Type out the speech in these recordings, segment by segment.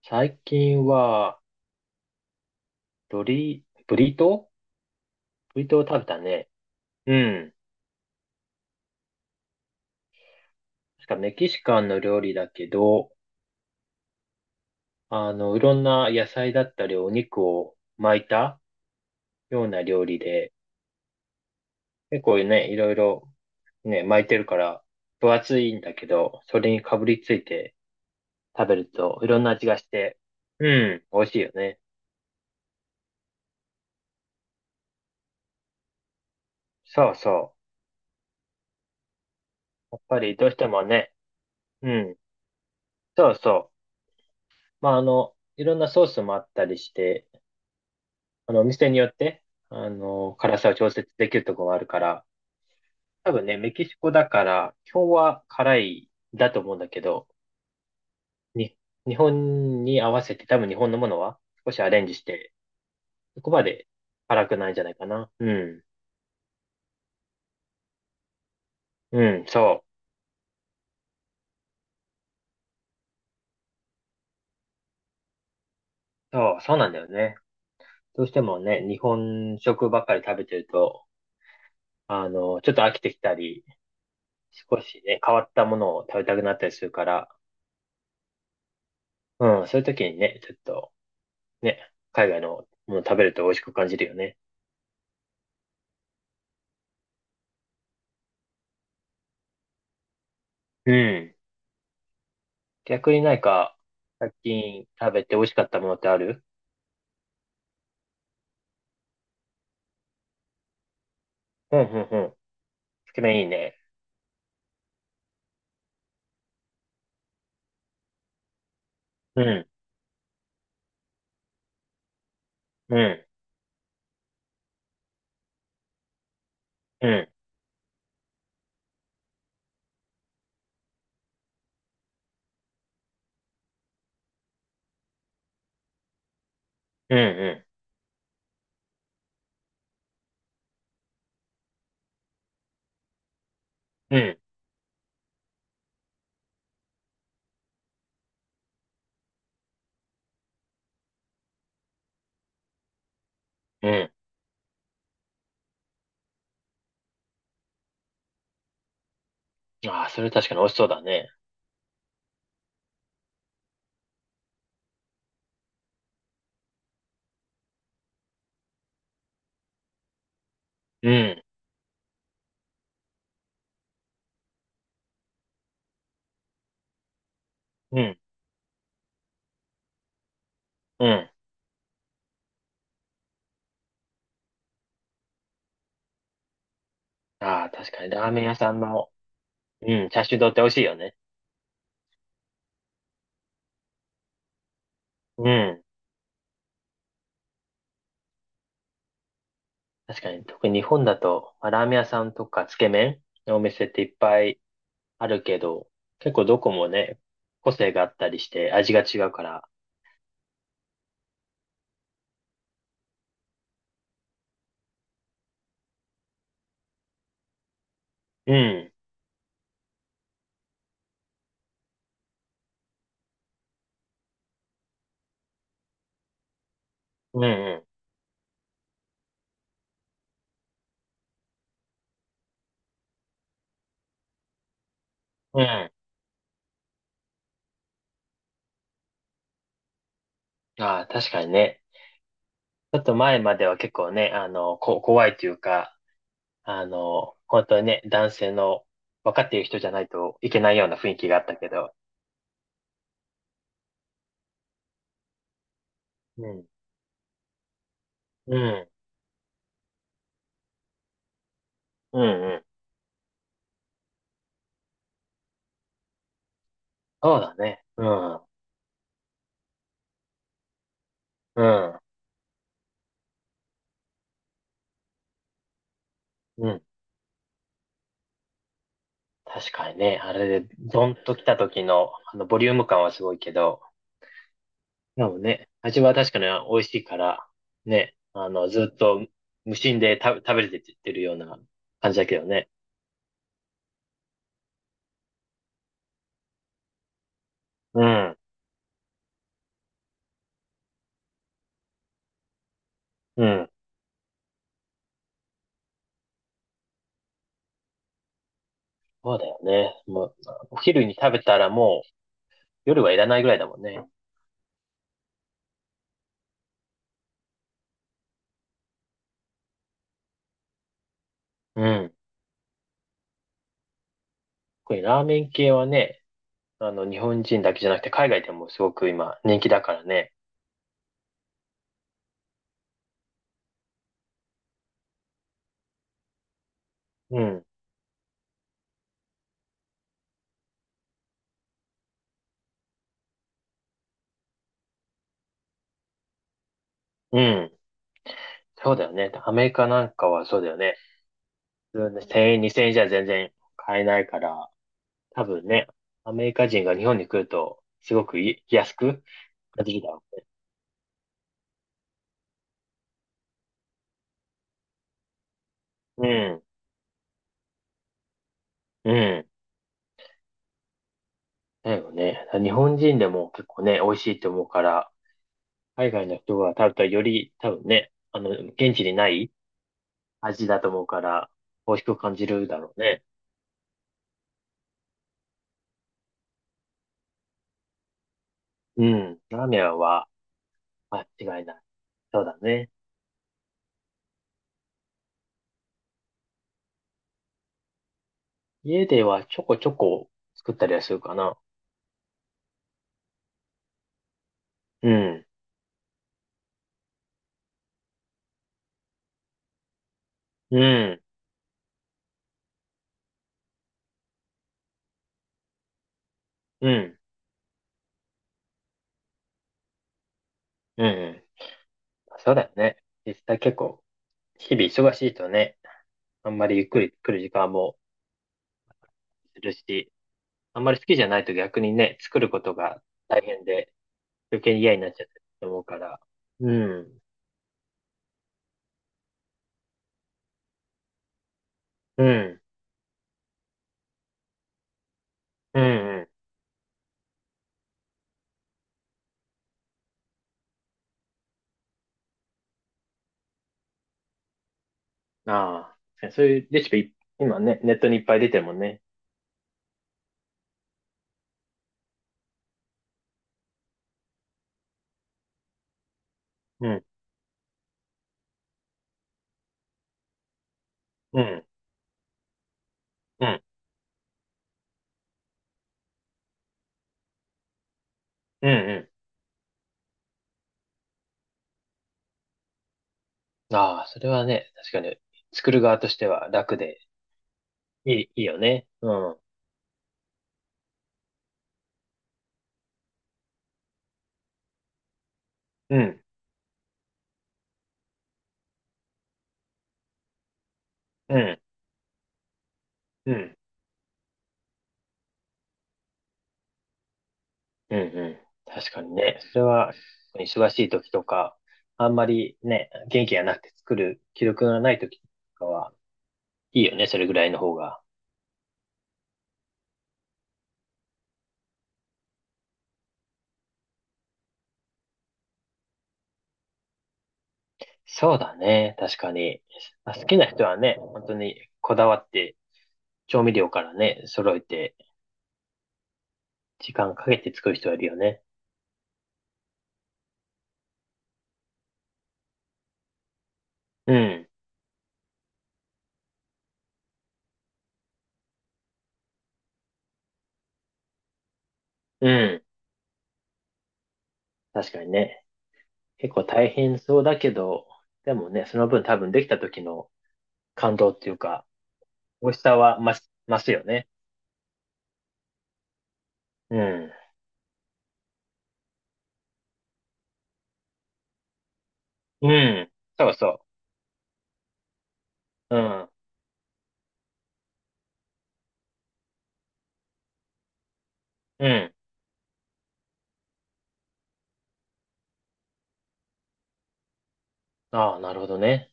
最近は、ブリ、ブリトーブリトーを食べたね。うん。確かメキシカンの料理だけど、いろんな野菜だったりお肉を巻いたような料理で、結構ね、いろいろね、巻いてるから分厚いんだけど、それにかぶりついて食べるといろんな味がして、うん、美味しいよね。そうそう。やっぱりどうしてもね、うん、そうそう。まあ、いろんなソースもあったりして、お店によって、辛さを調節できるところもあるから、多分ね、メキシコだから、基本は辛いだと思うんだけど、に、日本に合わせて、多分日本のものは少しアレンジして、そこまで辛くないんじゃないかな。うん。うん、そう。そうなんだよね。どうしてもね、日本食ばっかり食べてると、ちょっと飽きてきたり、少しね、変わったものを食べたくなったりするから、うん、そういう時にね、ちょっと、ね、海外のもの食べると美味しく感じるよね。うん。逆になんか、最近食べて美味しかったものってある？うん、うん、うん。つけ麺いいね。うん、うん、うん、うん、うん、うん、うん。ああ、それ確かに美味しそうだね。うん、うん、うん。ああ、確かにラーメン屋さんの、うん、チャーシュー丼って美味しいよね。うん。確かに、特に日本だと、まあラーメン屋さんとかつけ麺のお店っていっぱいあるけど、結構どこもね、個性があったりして味が違うから、うん。うんうん。うん。ああ、確かにね。ちょっと前までは結構ね、怖いというか、本当にね、男性の分かっている人じゃないといけないような雰囲気があったけど。うん。うん。うんうん。そうだね。うん。うん。うん。確かにね、あれで、ドンと来た時の、ボリューム感はすごいけど、でもね、味は確かに美味しいから、ね、ずっと無心で食べれてってるような感じだけどね。うん。うん。そうだよね。もう、お昼に食べたらもう夜はいらないぐらいだもんね。うん。これラーメン系はね、日本人だけじゃなくて海外でもすごく今人気だからね。うん。うん。そうだよね。アメリカなんかはそうだよね。普通の1000円、2000円じゃ全然買えないから、多分ね、アメリカ人が日本に来ると、すごく安く感じるだろう。うん。うん。だよね。日本人でも結構ね、美味しいって思うから、海外の人が食べたらより多分ね、現地にない味だと思うから、美味しく感じるだろうね。うん。ラーメンは間違いない。そうだね。家ではちょこちょこ作ったりはするかな。うん。うん。うん。うん。そうだよね。実際結構、日々忙しいとね、あんまりゆっくり作る時間もするし、あんまり好きじゃないと逆にね、作ることが大変で、余計に嫌になっちゃってると思うから。うん。うん。うんうん。ああ、そういうレシピ、今ね、ネットにいっぱい出てるもんね。うん、うん、うん、うん、うん。ああ、それはね、確かに、作る側としては楽で、いいよね。うん、うん、うん、うん、うん、うん。確かにね、それは、忙しい時とか、あんまりね、元気がなくて作る気力がない時とかは、いいよね、それぐらいの方が。そうだね、確かに。まあ好きな人はね、本当にこだわって、調味料からね、揃えて、時間かけて作る人はいるよね。うん。うん。確かにね。結構大変そうだけど、でもね、その分多分できた時の感動っていうか、美味しさは増すよね。うん。うん。そうそう。うん。うん。ああ、なるほどね。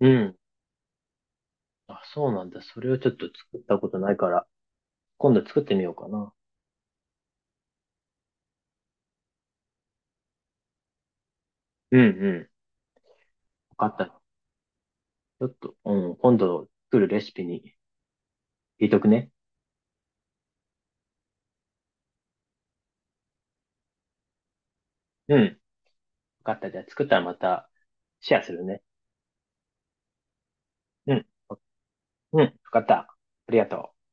うん。あ、そうなんだ。それをちょっと作ったことないから、今度作ってみようかな。うんうん。わかった。ちょっと、うん、今度作るレシピに入れとくね。うん。わかった。じゃあ作ったらまたシェアするね。うん。うん、わかった。ありがとう。